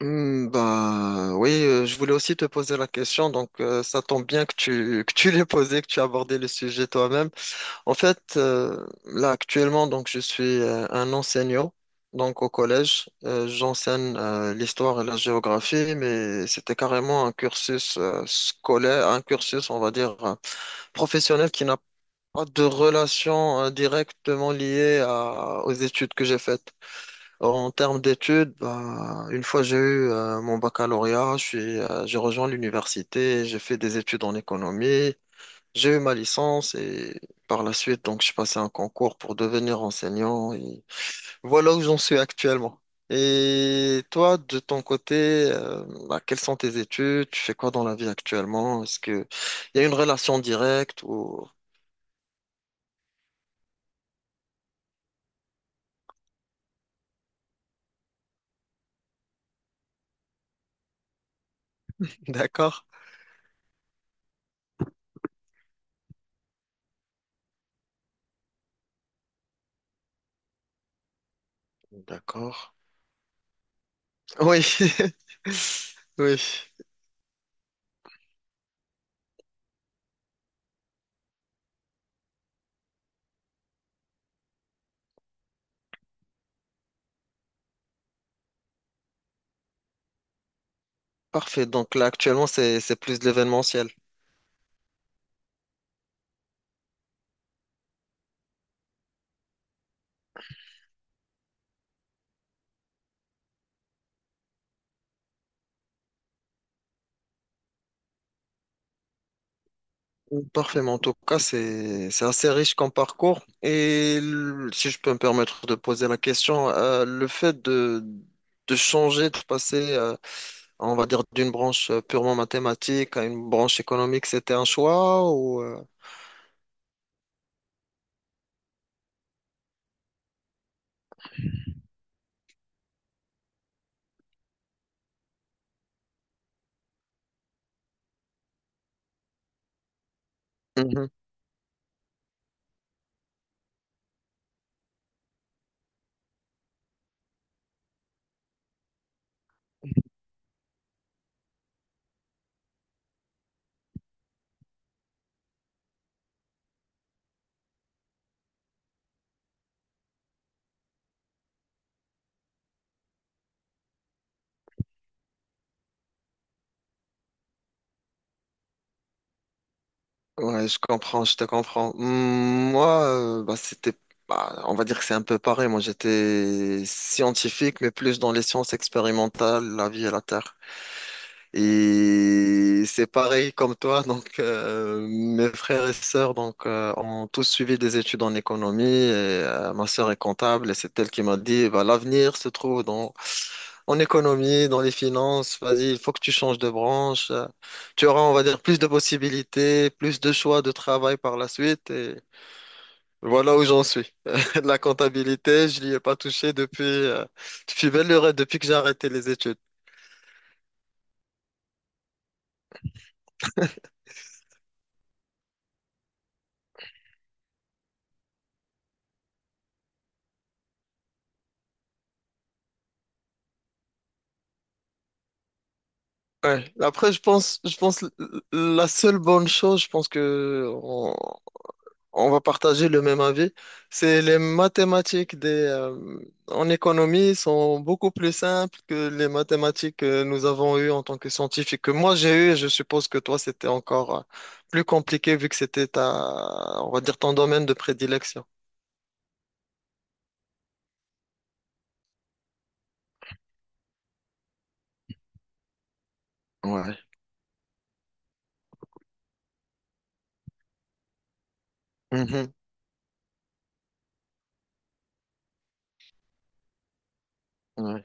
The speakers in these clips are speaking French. Bah oui, je voulais aussi te poser la question, donc ça tombe bien que tu que tu l'aies posé, que tu as abordé le sujet toi-même. En fait, là actuellement, donc je suis un enseignant, donc au collège. J'enseigne l'histoire et la géographie, mais c'était carrément un cursus scolaire, un cursus, on va dire, professionnel qui n'a pas de relation directement liée aux études que j'ai faites. En termes d'études, ben, une fois j'ai eu mon baccalauréat, j'ai rejoint l'université, j'ai fait des études en économie, j'ai eu ma licence et par la suite, donc, je passais un concours pour devenir enseignant et voilà où j'en suis actuellement. Et toi, de ton côté, euh, ben, quelles sont tes études? Tu fais quoi dans la vie actuellement? Est-ce que il y a une relation directe ou... D'accord. D'accord. Oui. Oui. Parfait. Donc là, actuellement, c'est plus de l'événementiel. Parfait. Mais en tout cas, c'est assez riche comme parcours. Et si je peux me permettre de poser la question, le fait de changer, de passer, on va dire, d'une branche purement mathématique à une branche économique, c'était un choix ou Mhm. Ouais, je comprends, je te comprends. Mm, moi, bah, c'était, bah, on va dire que c'est un peu pareil. Moi, j'étais scientifique, mais plus dans les sciences expérimentales, la vie et la terre. Et c'est pareil comme toi, donc mes frères et sœurs donc ont tous suivi des études en économie. Et, ma sœur est comptable et c'est elle qui m'a dit bah, l'avenir se trouve dans en économie, dans les finances. Vas-y, il faut que tu changes de branche. Tu auras, on va dire, plus de possibilités, plus de choix de travail par la suite. Et voilà où j'en suis. La comptabilité, je n'y ai pas touché depuis depuis belle lurette, depuis que j'ai arrêté les études. Ouais. Après, je pense, la seule bonne chose, je pense que on va partager le même avis, c'est les mathématiques des, en économie sont beaucoup plus simples que les mathématiques que nous avons eues en tant que scientifiques, que moi j'ai eues, et je suppose que toi c'était encore plus compliqué vu que c'était ta, on va dire ton domaine de prédilection. Ouais. Mhm. Ouais.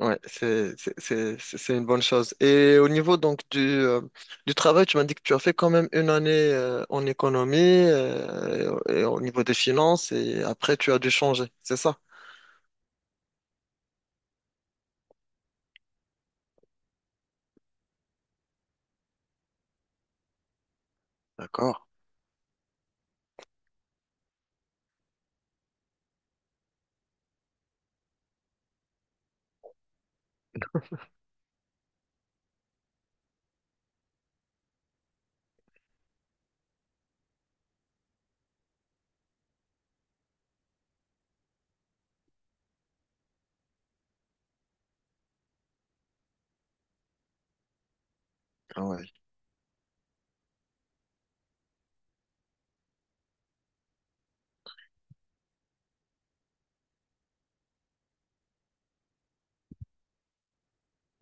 Ouais, c'est une bonne chose. Et au niveau donc du travail, tu m'as dit que tu as fait quand même une année en économie et, au niveau des finances et après tu as dû changer, c'est ça? D'accord. Ah ouais.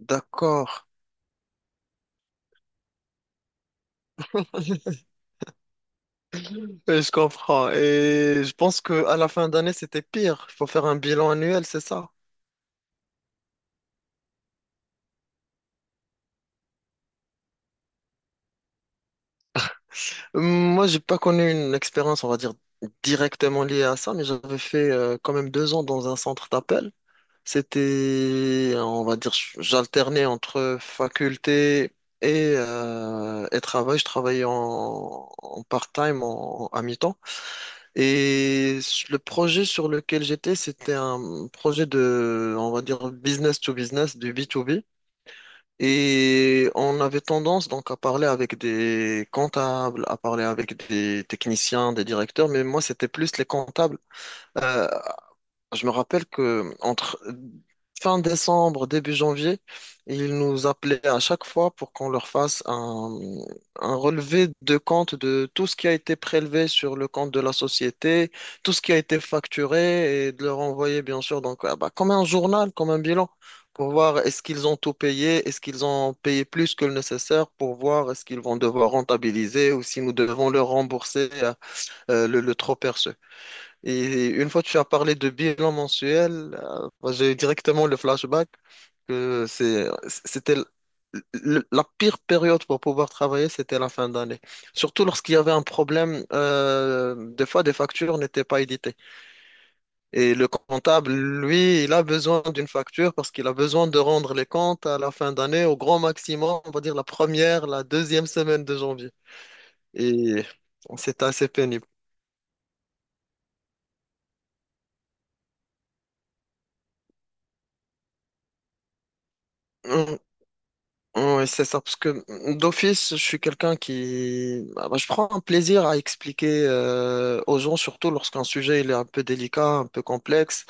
D'accord. Je comprends. Et je pense que à la fin d'année, c'était pire. Il faut faire un bilan annuel, c'est ça? Moi, j'ai pas connu une expérience, on va dire, directement liée à ça, mais j'avais fait quand même 2 ans dans un centre d'appel. C'était, on va dire, j'alternais entre faculté et travail. Je travaillais en part-time, à mi-temps. Et le projet sur lequel j'étais, c'était un projet de, on va dire, business to business, du b to b et on avait tendance donc à parler avec des comptables, à parler avec des techniciens, des directeurs, mais moi c'était plus les comptables. Euh, je me rappelle que entre fin décembre, début janvier, ils nous appelaient à chaque fois pour qu'on leur fasse un relevé de compte de tout ce qui a été prélevé sur le compte de la société, tout ce qui a été facturé et de leur envoyer, bien sûr, donc, ah bah, comme un journal, comme un bilan, pour voir est-ce qu'ils ont tout payé, est-ce qu'ils ont payé plus que le nécessaire, pour voir est-ce qu'ils vont devoir rentabiliser ou si nous devons leur rembourser le trop perçu. Et une fois que tu as parlé de bilan mensuel, moi, j'ai eu directement le flashback que c'est, c'était la pire période pour pouvoir travailler, c'était la fin d'année. Surtout lorsqu'il y avait un problème, des fois des factures n'étaient pas éditées. Et le comptable, lui, il a besoin d'une facture parce qu'il a besoin de rendre les comptes à la fin d'année au grand maximum, on va dire la première, la deuxième semaine de janvier. Et c'était assez pénible. Hum, Oui, c'est ça, parce que mm, d'office, je suis quelqu'un qui... ah, bah, je prends un plaisir à expliquer aux gens, surtout lorsqu'un sujet il est un peu délicat, un peu complexe.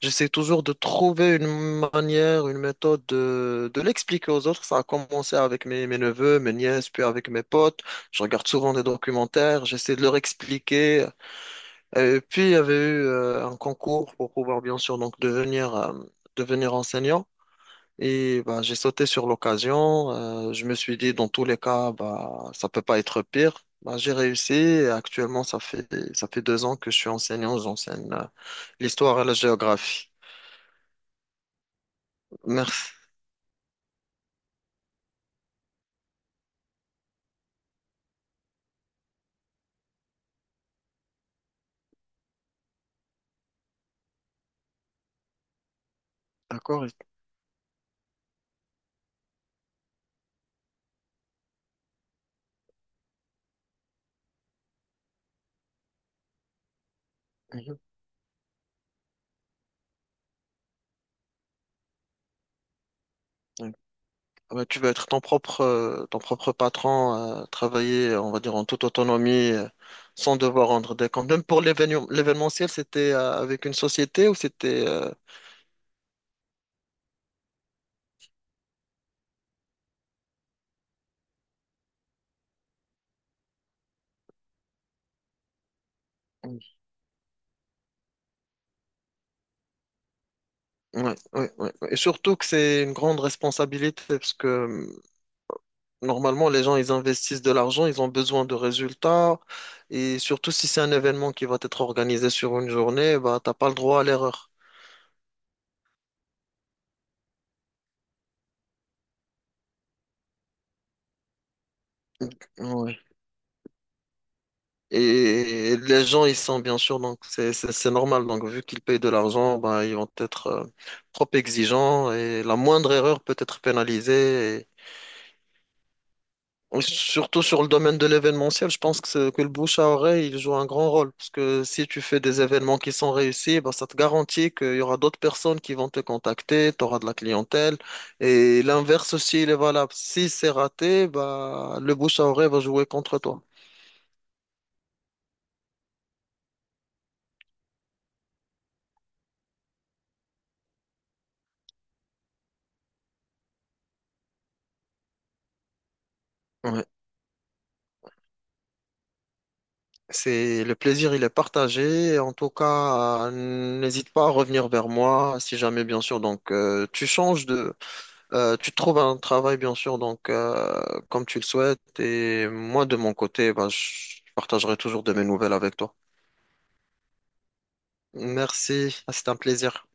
J'essaie toujours de trouver une manière, une méthode de l'expliquer aux autres. Ça a commencé avec mes, mes neveux, mes nièces, puis avec mes potes. Je regarde souvent des documentaires, j'essaie de leur expliquer. Et puis, il y avait eu un concours pour pouvoir, bien sûr, donc devenir, devenir enseignant. Et bah, j'ai sauté sur l'occasion. Je me suis dit, dans tous les cas, bah, ça peut pas être pire. Bah, j'ai réussi. Et actuellement, ça fait 2 ans que je suis enseignant. J'enseigne l'histoire et la géographie. Merci. D'accord. Mhm. Donc, ah bah, tu vas être ton propre patron, travailler, on va dire, en toute autonomie, sans devoir rendre des comptes. Même pour l'événement, l'événementiel, c'était avec une société ou c'était... oui, oui, oui, oui. Et surtout que c'est une grande responsabilité parce que normalement, les gens, ils investissent de l'argent, ils ont besoin de résultats. Et surtout, si c'est un événement qui va être organisé sur une journée, bah, t'as pas le droit à l'erreur. Ouais. Et les gens, ils sont bien sûr, donc c'est normal. Donc, vu qu'ils payent de l'argent, bah, ils vont être trop exigeants et la moindre erreur peut être pénalisée. Surtout sur le domaine de l'événementiel, je pense que, que le bouche à oreille il joue un grand rôle. Parce que si tu fais des événements qui sont réussis, ben, ça te garantit qu'il y aura d'autres personnes qui vont te contacter, tu auras de la clientèle. Et l'inverse aussi, il est valable. Si c'est raté, bah, le bouche à oreille va jouer contre toi. Ouais. C'est le plaisir, il est partagé. En tout cas, n'hésite pas à revenir vers moi si jamais, bien sûr. Donc, tu changes de, tu trouves un travail, bien sûr. Donc, comme tu le souhaites. Et moi, de mon côté, bah, je partagerai toujours de mes nouvelles avec toi. Merci, c'était un plaisir.